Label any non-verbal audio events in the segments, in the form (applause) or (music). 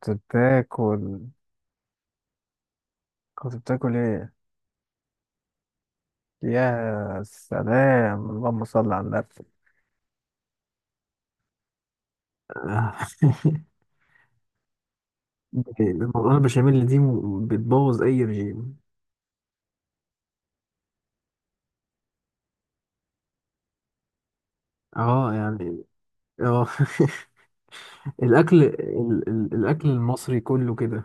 كنت بتاكل. كنت بتاكل ايه؟ يا سلام، اللهم صل على النبي. آه. (laughs) المكرونه البشاميل دي بتبوظ اي رجيم. اه، يعني. اه. (laughs) الاكل ال ال الاكل المصري كله كده.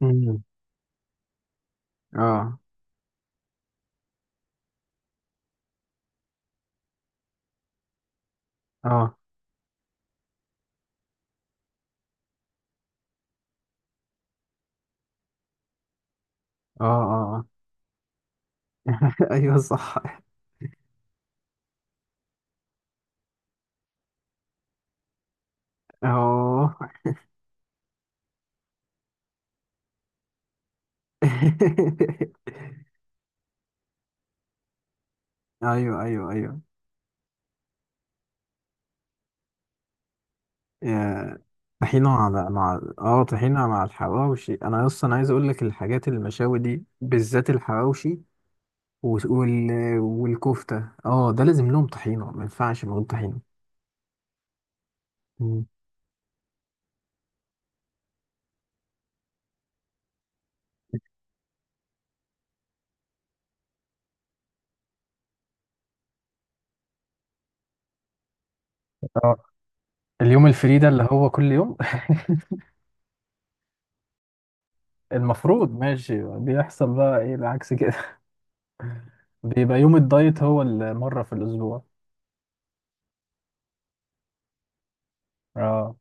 مم. اه، اه، اه، اه. آه. (laughs) ايوه، صح. اه. (laughs) ايوه، ايوه، ايوه. آه، طحينة مع الحواوشي. انا اصلا عايز اقول لك الحاجات المشاوي دي بالذات الحواوشي و- وال... والكفتة، ده لازم لهم طحينة، ما ينفعش من غير طحينة. مم. اه. اليوم الفريدة اللي هو كل يوم. (laughs) المفروض، ماشي، بيحصل بقى ايه، العكس كده. (laughs) بيبقى يوم الدايت هو المرة في الأسبوع. اه.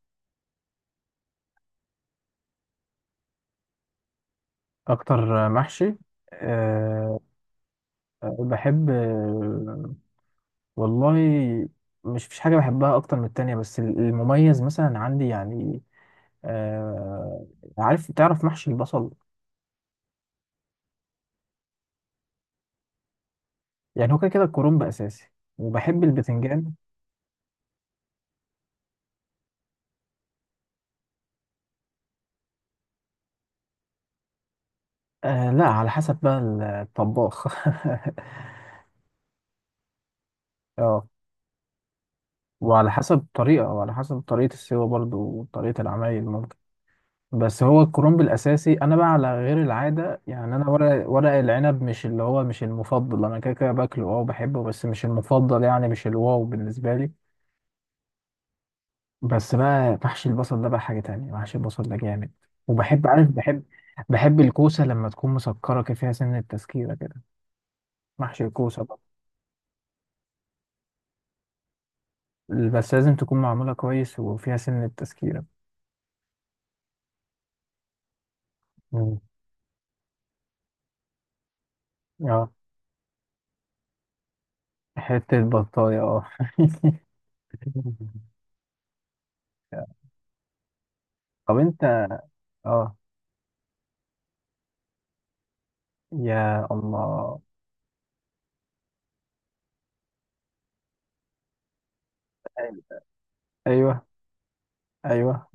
أكتر محشي. أه. بحب. والله. مش فيش حاجة بحبها أكتر من التانية، بس المميز مثلا عندي يعني. آه تعرف محشي البصل؟ يعني هو كده كده الكرنب أساسي. وبحب البتنجان. آه، لا، على حسب بقى. الطباخ. (laughs) اه. وعلى حسب الطريقة، وعلى حسب طريقة السوا برضو، وطريقة العمايل ممكن. بس هو الكرنب الأساسي. أنا بقى على غير العادة يعني، أنا ورق العنب مش اللي هو مش المفضل. أنا كده كده باكله، وبحبه، بس مش المفضل يعني، مش الواو بالنسبة لي. بس بقى محشي البصل ده بقى حاجة تانية. محشي البصل ده جامد. وبحب عارف بحب بحب الكوسة لما تكون مسكرة كده، فيها سن التسكيرة كده. محشي الكوسة بقى. بس لازم تكون معمولة كويس وفيها سن التسكيرة. مم. اه. حتة بطاية، اه. (laughs) طب انت. اه. يا الله. ايوه، ايوه.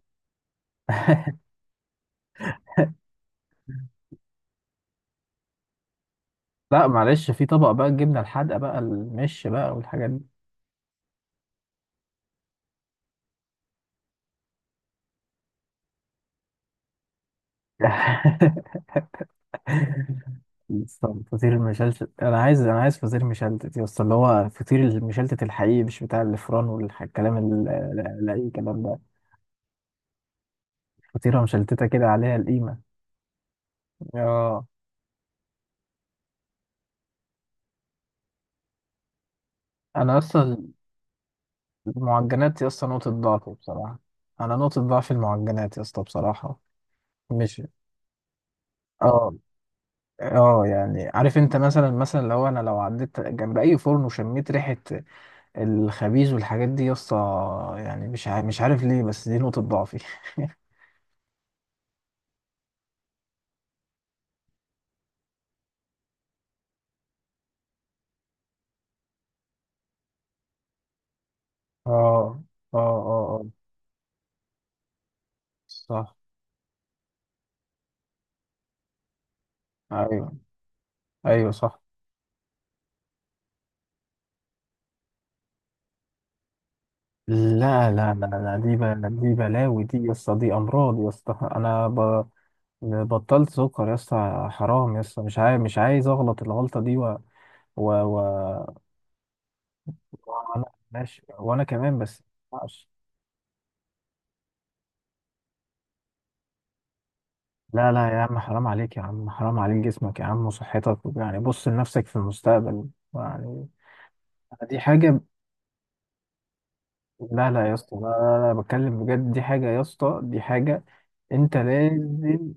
(laughs) لا، معلش، في طبق بقى الجبنة الحادقة بقى، المش بقى، والحاجات دي. (laughs) طب فطير المشلتت، انا عايز فطير مشلتت يا اسطى، اللي هو فطير المشلتت الحقيقي، مش بتاع الفران والكلام اي كلام ده. فطيره مشلتته كده عليها القيمه. اه. انا اصلا المعجنات يا اسطى نقطه ضعفي بصراحه. انا نقطه ضعف المعجنات يا اسطى بصراحه. مش اه اه يعني، عارف انت، مثلا لو عديت جنب اي فرن وشميت ريحه الخبيز والحاجات دي يا اسطى، يعني مش عارف ليه، بس دي نقطه ضعفي. (laughs) اه، اه، اه، اه، صح. ايوه، ايوه، صح. لا، لا، لا، لا، دي بلاوي دي يا اسطى، دي امراض يا اسطى. بطلت سكر يا اسطى، حرام يا اسطى، مش عايز اغلط الغلطه دي. و... و... وانا، ماشي، وانا كمان. بس ما ينفعش. لا، لا يا عم، حرام عليك يا عم، حرام عليك جسمك يا عم وصحتك، يعني بص لنفسك في المستقبل. يعني دي حاجه. لا، لا يا اسطى، لا، لا، لا، بتكلم بجد، دي حاجه يا اسطى، دي حاجه. انت لازم.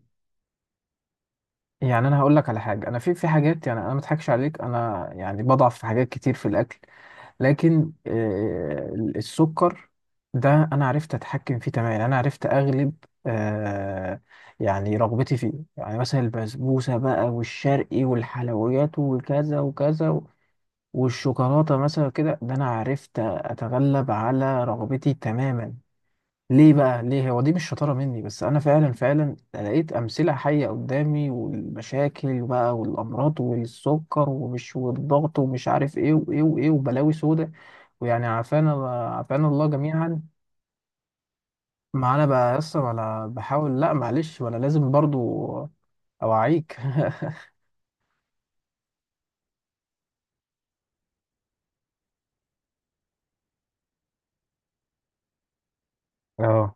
يعني انا هقول لك على حاجه، انا في حاجات، يعني انا ما اضحكش عليك، انا يعني بضعف في حاجات كتير في الاكل. لكن السكر ده انا عرفت اتحكم فيه تماما. يعني انا عرفت اغلب آه، يعني رغبتي فيه. يعني مثلا البسبوسه بقى، والشرقي، والحلويات، وكذا وكذا، والشوكولاته مثلا كده، ده انا عرفت اتغلب على رغبتي تماما. ليه بقى؟ ليه هو دي مش شطارة مني، بس أنا فعلا فعلا لقيت أمثلة حية قدامي، والمشاكل بقى، والأمراض، والسكر ومش، والضغط ومش عارف إيه وإيه وإيه وبلاوي سودة. ويعني عافانا، عافانا الله جميعا. ما أنا بقى لسه وأنا بحاول، لأ معلش، وأنا لازم برضو. أوعيك. (laughs) أه.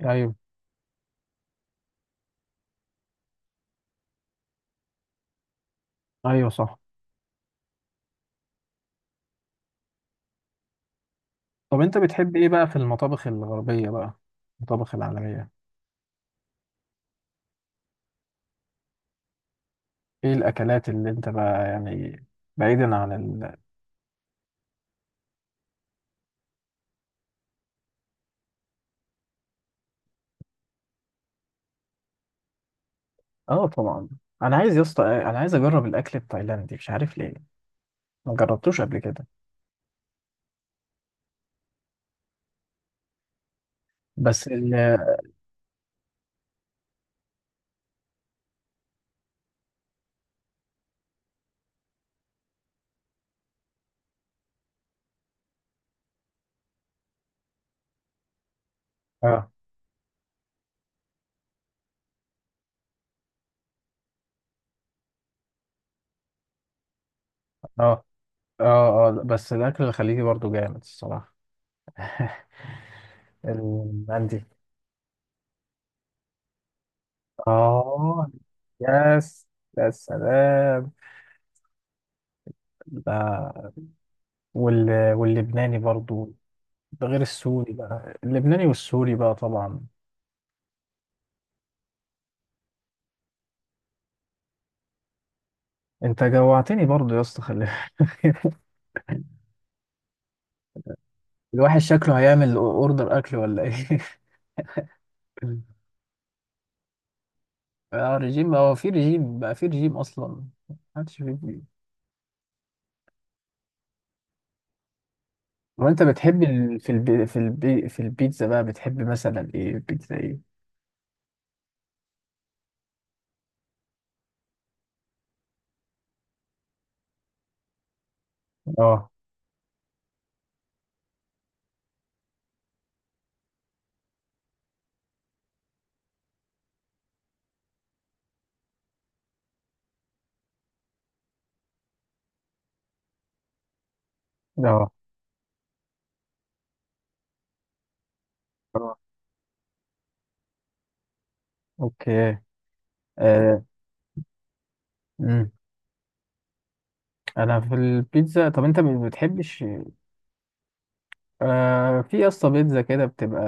أيوه، أيوه، صح. طب أنت بتحب إيه بقى في المطابخ الغربية بقى؟ المطابخ العالمية. إيه الأكلات اللي أنت بقى يعني؟ بعيدا عن. اه، طبعا. انا عايز يا اسطى، انا عايز اجرب الاكل التايلاندي، مش عارف ليه. ما جربتوش قبل كده. بس ال اه، اه، اه، اه. بس الاكل الخليجي برضو جامد الصراحه. (laughs) المندي. اه. يس. يا سلام. ده، واللبناني برضو. ده غير السوري بقى، اللبناني والسوري بقى طبعا. انت جوعتني برضو يا اسطى، خلي بالك. (laughs) الواحد شكله هيعمل اوردر اكل، ولا ايه؟ (laughs) اه، رجيم. هو في رجيم بقى؟ في رجيم اصلا؟ محدش في رجيم. وانت بتحب ال... في الب... في الب... في البيتزا بقى، بتحب مثلا ايه؟ بيتزا ايه؟ اه، اه، اه، اوكي. آه... امم انا في البيتزا. طب انت ما بتحبش؟ في يا اسطى بيتزا كده بتبقى،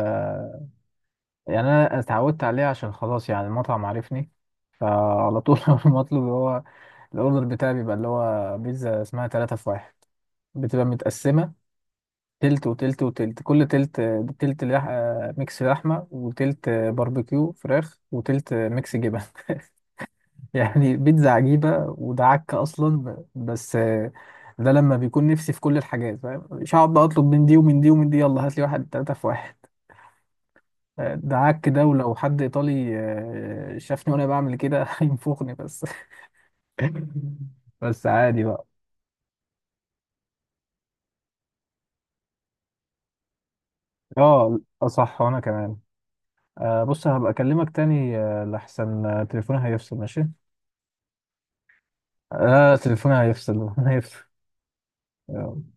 يعني انا اتعودت عليها عشان خلاص، يعني المطعم عارفني، فعلى طول. (laughs) المطلوب هو الاوردر بتاعي، بيبقى اللي هو بيتزا اسمها 3 في واحد، بتبقى متقسمة تلت وتلت وتلت، كل تلت، تلت لح... آه، ميكس لحمة، وتلت باربيكيو فراخ، وتلت ميكس جبن. (laughs) يعني بيتزا عجيبة، وده عك أصلا، بس، ده لما بيكون نفسي في كل الحاجات، فاهم؟ مش هقعد بقى أطلب من دي، ومن دي، ومن دي، يلا هات لي واحد تلاتة في واحد. ده عك ده، ولو حد إيطالي شافني وأنا بعمل كده (laughs) هينفخني بس. (laughs) بس عادي بقى. اه، صح، وأنا كمان. بص هبقى أكلمك تاني، لحسن تليفوني هيفصل، ماشي؟ اه، تليفوني هيفصل (laughs) هيفصل. يلا.